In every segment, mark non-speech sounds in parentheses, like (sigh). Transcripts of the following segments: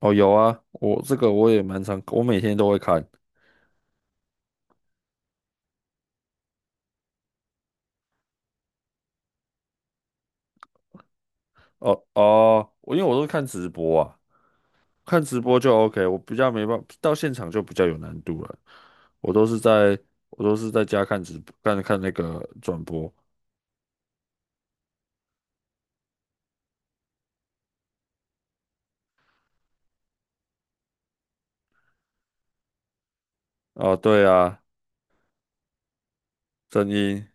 哦，有啊，我这个我也蛮常，我每天都会看。哦哦，因为我都是看直播啊，看直播就 OK，我比较没办法，到现场就比较有难度了。我都是在我都是在家看直播，看看那个转播。哦，对啊，声音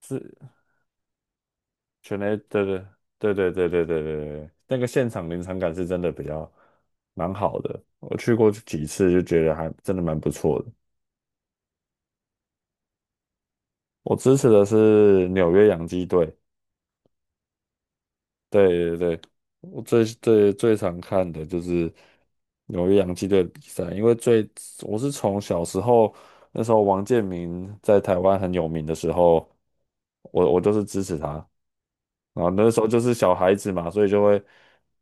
是全雷，对对对对对对对对对，那个现场临场感是真的比较蛮好的。我去过几次就觉得还真的蛮不错的。我支持的是纽约洋基队。对对对，我最最最常看的就是纽约洋基队的比赛。因为最我是从小时候那时候王建民在台湾很有名的时候，我就是支持他。然后那时候就是小孩子嘛，所以就会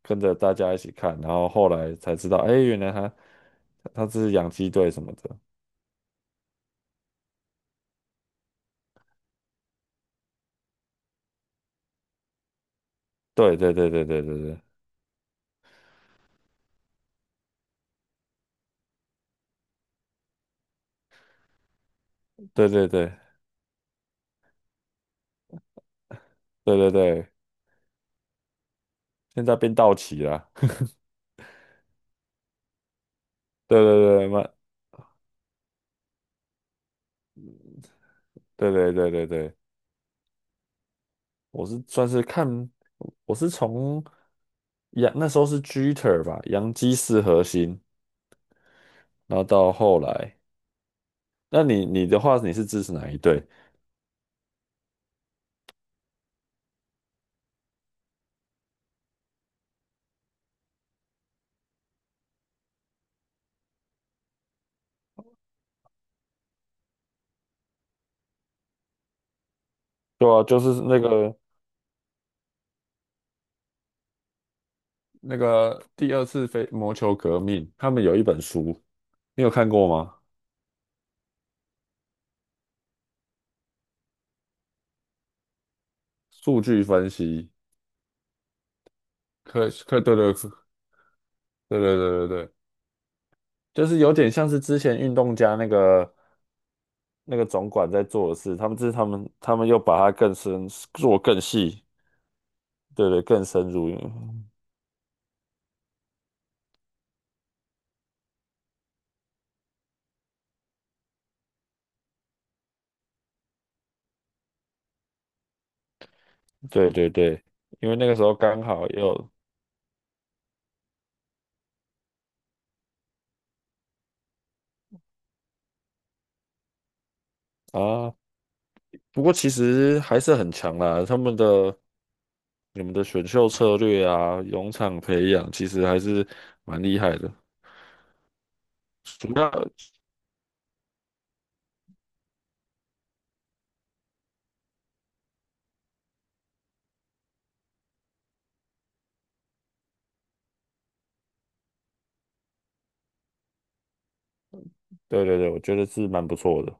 跟着大家一起看。然后后来才知道，哎，原来他这是洋基队什么的。对对对对对对对对对对对对对，现在变道奇了。(laughs) 对对对，对对对对对。我是算是看，我是从那时候是 Jeter 吧，洋基四核心。然后到后来，那你的话，你是支持哪一队？对啊，就是第二次非魔球革命，他们有一本书，你有看过吗？数据分析，对对对对对对对，就是有点像是之前运动家那个总管在做的事。他们这是他们他们又把它更深做更细。对对，更深入。嗯对对对，因为那个时候刚好也有啊。不过其实还是很强啦，他们的你们的选秀策略啊，农场培养其实还是蛮厉害的。主要对对对，我觉得是蛮不错的，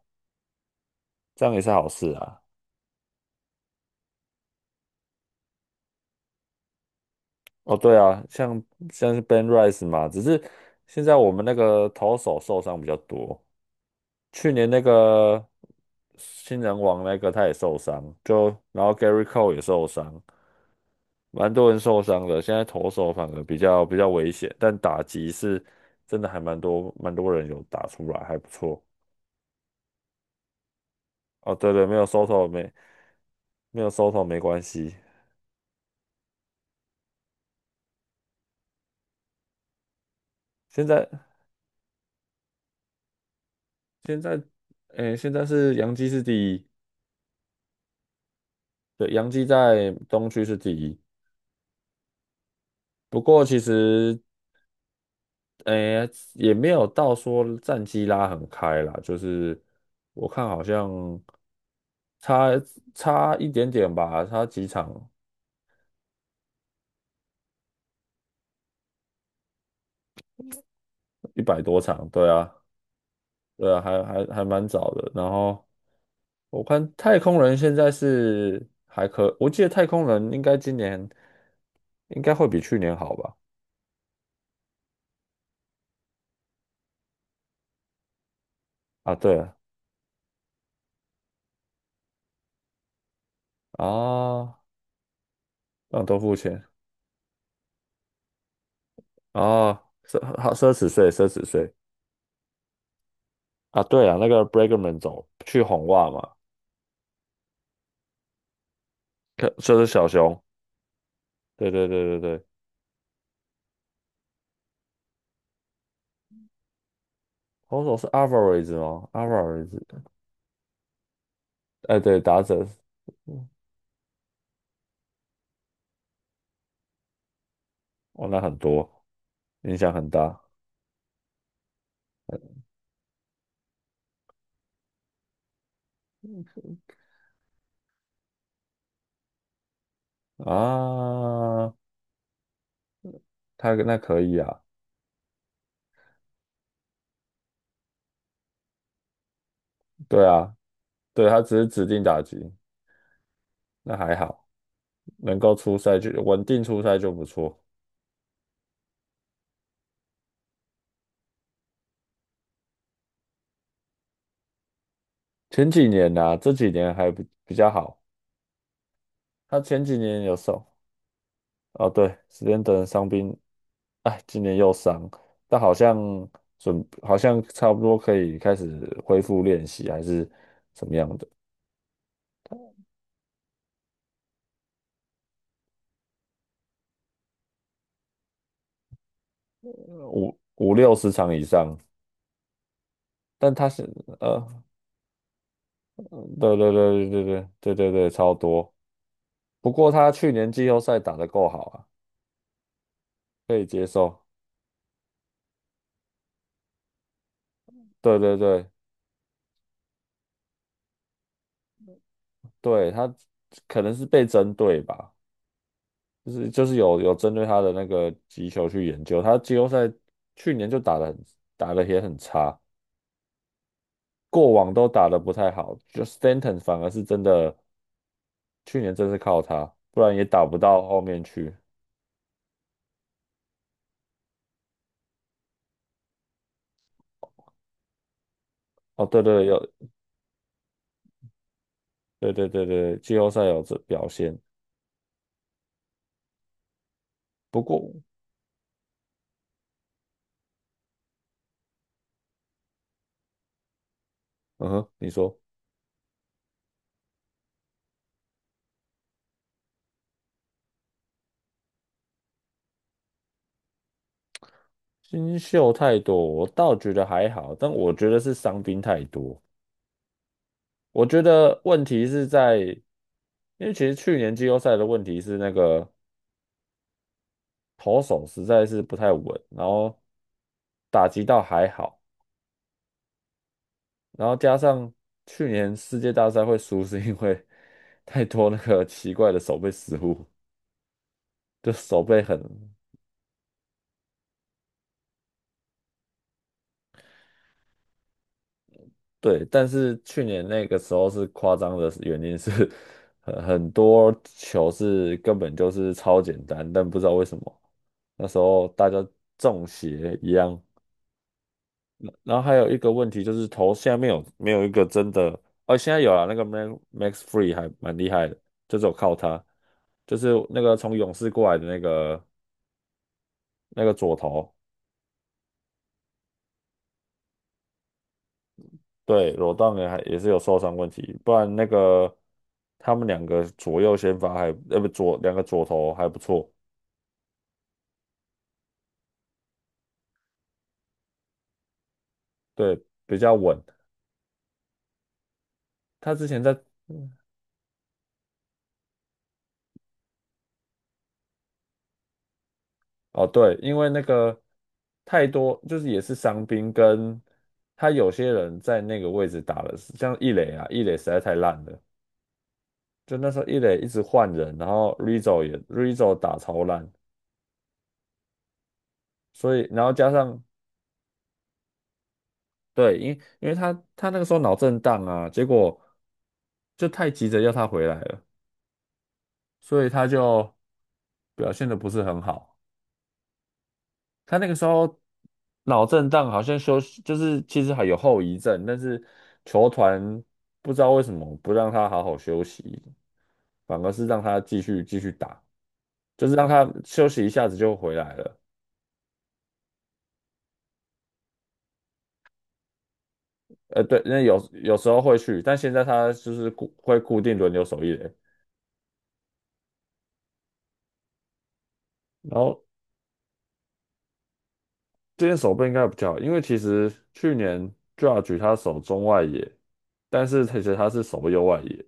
这样也是好事啊。哦，对啊，像是 Ben Rice 嘛，只是现在我们那个投手受伤比较多。去年那个新人王那个他也受伤，就然后 Gary Cole 也受伤。蛮多人受伤的，现在投手反而比较危险，但打击是真的还蛮多人有打出来，还不错。哦，对对，没有收头没关系。现在现在诶，现在是洋基是第一。对，洋基在东区是第一。不过其实诶也没有到说战绩拉很开啦。就是我看好像差差一点点吧，差几场，100多场，对啊。对啊，还还蛮早的。然后我看太空人现在是还可，我记得太空人应该今年应该会比去年好吧？啊，对啊，啊，让都付钱啊，奢侈税，奢侈税啊。对啊，那个 Bregman 走去红袜嘛，可就是小熊。对对对对对，投手是 Alvarez 哦，Alvarez，哎，对，打者，嗯哦，那很多，影响很大啊。他那可以啊，对啊，对，他只是指定打击，那还好，能够出赛就稳定出赛就不错。前几年呐、啊这几年还比较好。他前几年有受，哦对，史蒂德伤兵。哎，今年又伤，但好像好像差不多可以开始恢复练习，还是怎么样的。五六十场以上。但他是呃，对对对对对对对对对，超多。不过他去年季后赛打得够好啊。可以接受。对对对对，他可能是被针对吧。就是有针对他的那个击球去研究。他季后赛去年就打得也很差，过往都打得不太好。就 Stanton 反而是真的去年真是靠他，不然也打不到后面去。哦，对对有，对对对对，季后赛有这表现。不过嗯哼，你说新秀太多，我倒觉得还好，但我觉得是伤兵太多。我觉得问题是在，因为其实去年季后赛的问题是那个投手实在是不太稳，然后打击倒还好。然后加上去年世界大赛会输，是因为 (laughs) 太多那个奇怪的手背失误，就手背很对。但是去年那个时候是夸张的原因是 (laughs)，很多球是根本就是超简单，但不知道为什么那时候大家中邪一样。然后还有一个问题就是头下面有没有一个真的。哦，现在有了那个 Max Free 还蛮厉害的，就是有靠他，就是那个从勇士过来的那个左头。对，罗当也是有受伤问题。不然那个他们两个左右先发还，呃不左两个左头还不错。对，比较稳。他之前在哦，对，因为那个太多，就是也是伤兵，跟他有些人在那个位置打了。像易磊啊，易磊实在太烂了，就那时候易磊一直换人。然后 Rizzo 也 Rizzo 打超烂，所以然后加上对，因为他那个时候脑震荡啊，结果就太急着要他回来了，所以他就表现的不是很好。他那个时候脑震荡，好像休息，就是其实还有后遗症，但是球团不知道为什么不让他好好休息，反而是让他继续继续打，就是让他休息一下子就回来了。呃，对，那有有时候会去，但现在他就是固会固定轮流守一垒。然后这件手背应该比较好，因为其实去年 Judge 他守中外野，但是其实他是守右外野。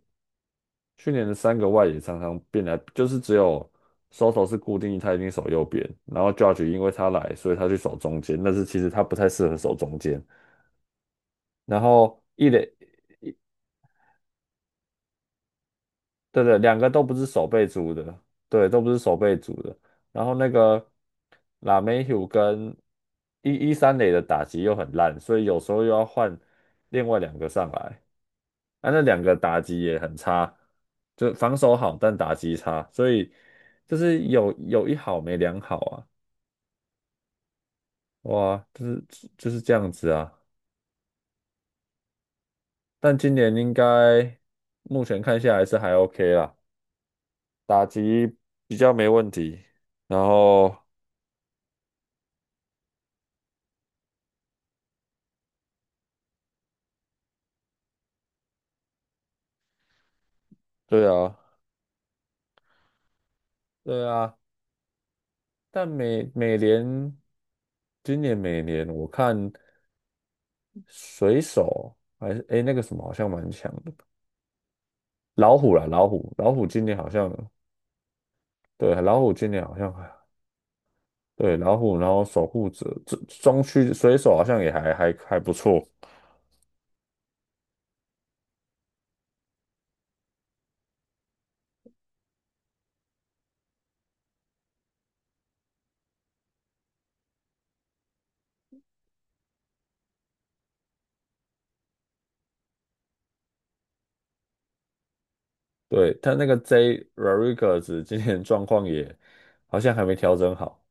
去年的三个外野常常变来，就是只有 Soto 是固定，他一定守右边。然后 Judge 因为他来，所以他去守中间，但是其实他不太适合守中间。然后一垒，对对，两个都不是守备组的。对，都不是守备组的。然后那个 l a m e h 跟一三垒的打击又很烂，所以有时候又要换另外两个上来。啊，那两个打击也很差，就防守好，但打击差，所以就是有一好没两好啊。哇，就是这样子啊。但今年应该目前看下来是还 OK 啦，打击比较没问题。然后对啊，对啊，但美联今年美联我看水手还是诶那个什么好像蛮强的。老虎啦，老虎今年好像，对老虎今年好像。还。对，老虎，然后守护者，这中区水手好像也还不错。对，他那个 J Rodriguez 今年状况也好像还没调整好。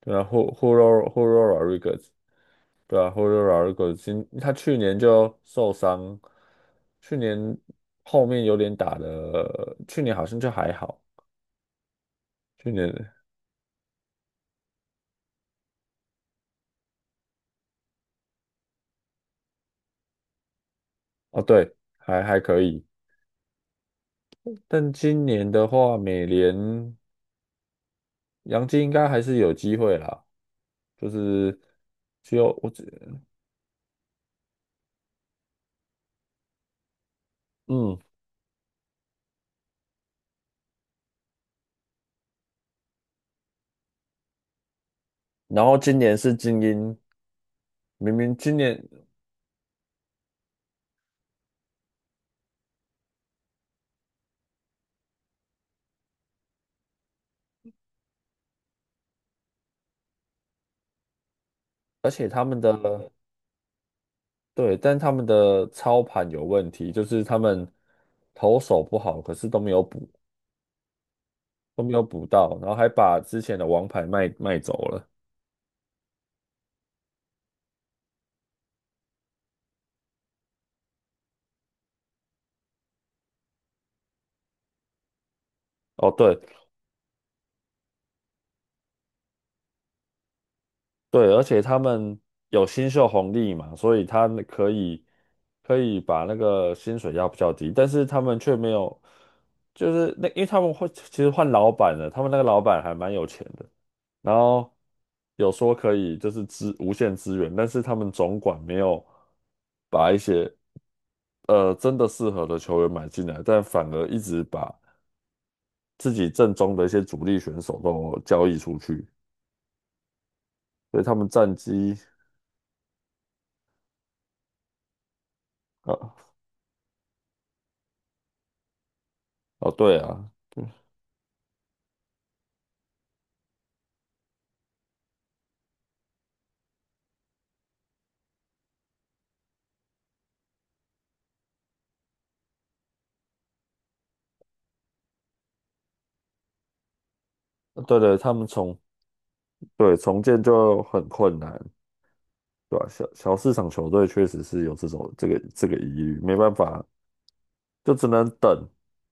对啊，Hu r u o Hugo Rodriguez，对啊，Hugo Rodriguez 他去年就受伤。去年后面有点打的，去年好像就还好。去年哦对，还可以。但今年的话，美联杨基应该还是有机会啦。就是只有我只嗯。然后今年是精英，明明今年，而且他们的对，但他们的操盘有问题，就是他们投手不好，可是都没有补到，然后还把之前的王牌卖走了。哦，对，对，而且他们有新秀红利嘛，所以他们可以把那个薪水压比较低，但是他们却没有。就是那因为他们会其实换老板了，他们那个老板还蛮有钱的。然后有说可以就是无限资源，但是他们总管没有把一些真的适合的球员买进来，但反而一直把自己阵中的一些主力选手都交易出去。所以他们战绩，呃哦对啊。对对，他们重对，重建就很困难。对吧、小市场球队确实是有这种这个疑虑，没办法，就只能等。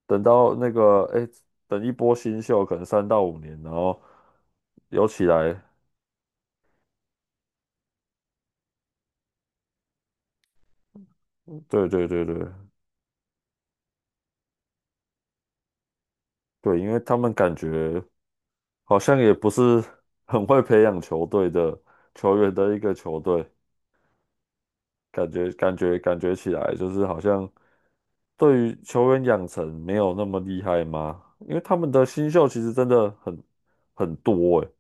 等到那个哎，诶等一波新秀，可能3到5年，然后有起来。对对对对对，因为他们感觉好像也不是很会培养球队的球员的一个球队。感觉起来就是好像对于球员养成没有那么厉害吗？因为他们的新秀其实真的很多诶。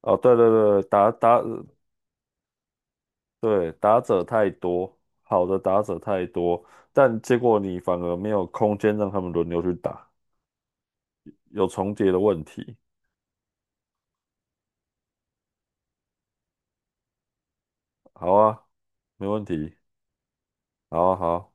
哦，对对对，对打者太多，好的打者太多。但结果你反而没有空间让他们轮流去打，有重叠的问题。好啊，没问题，好啊好啊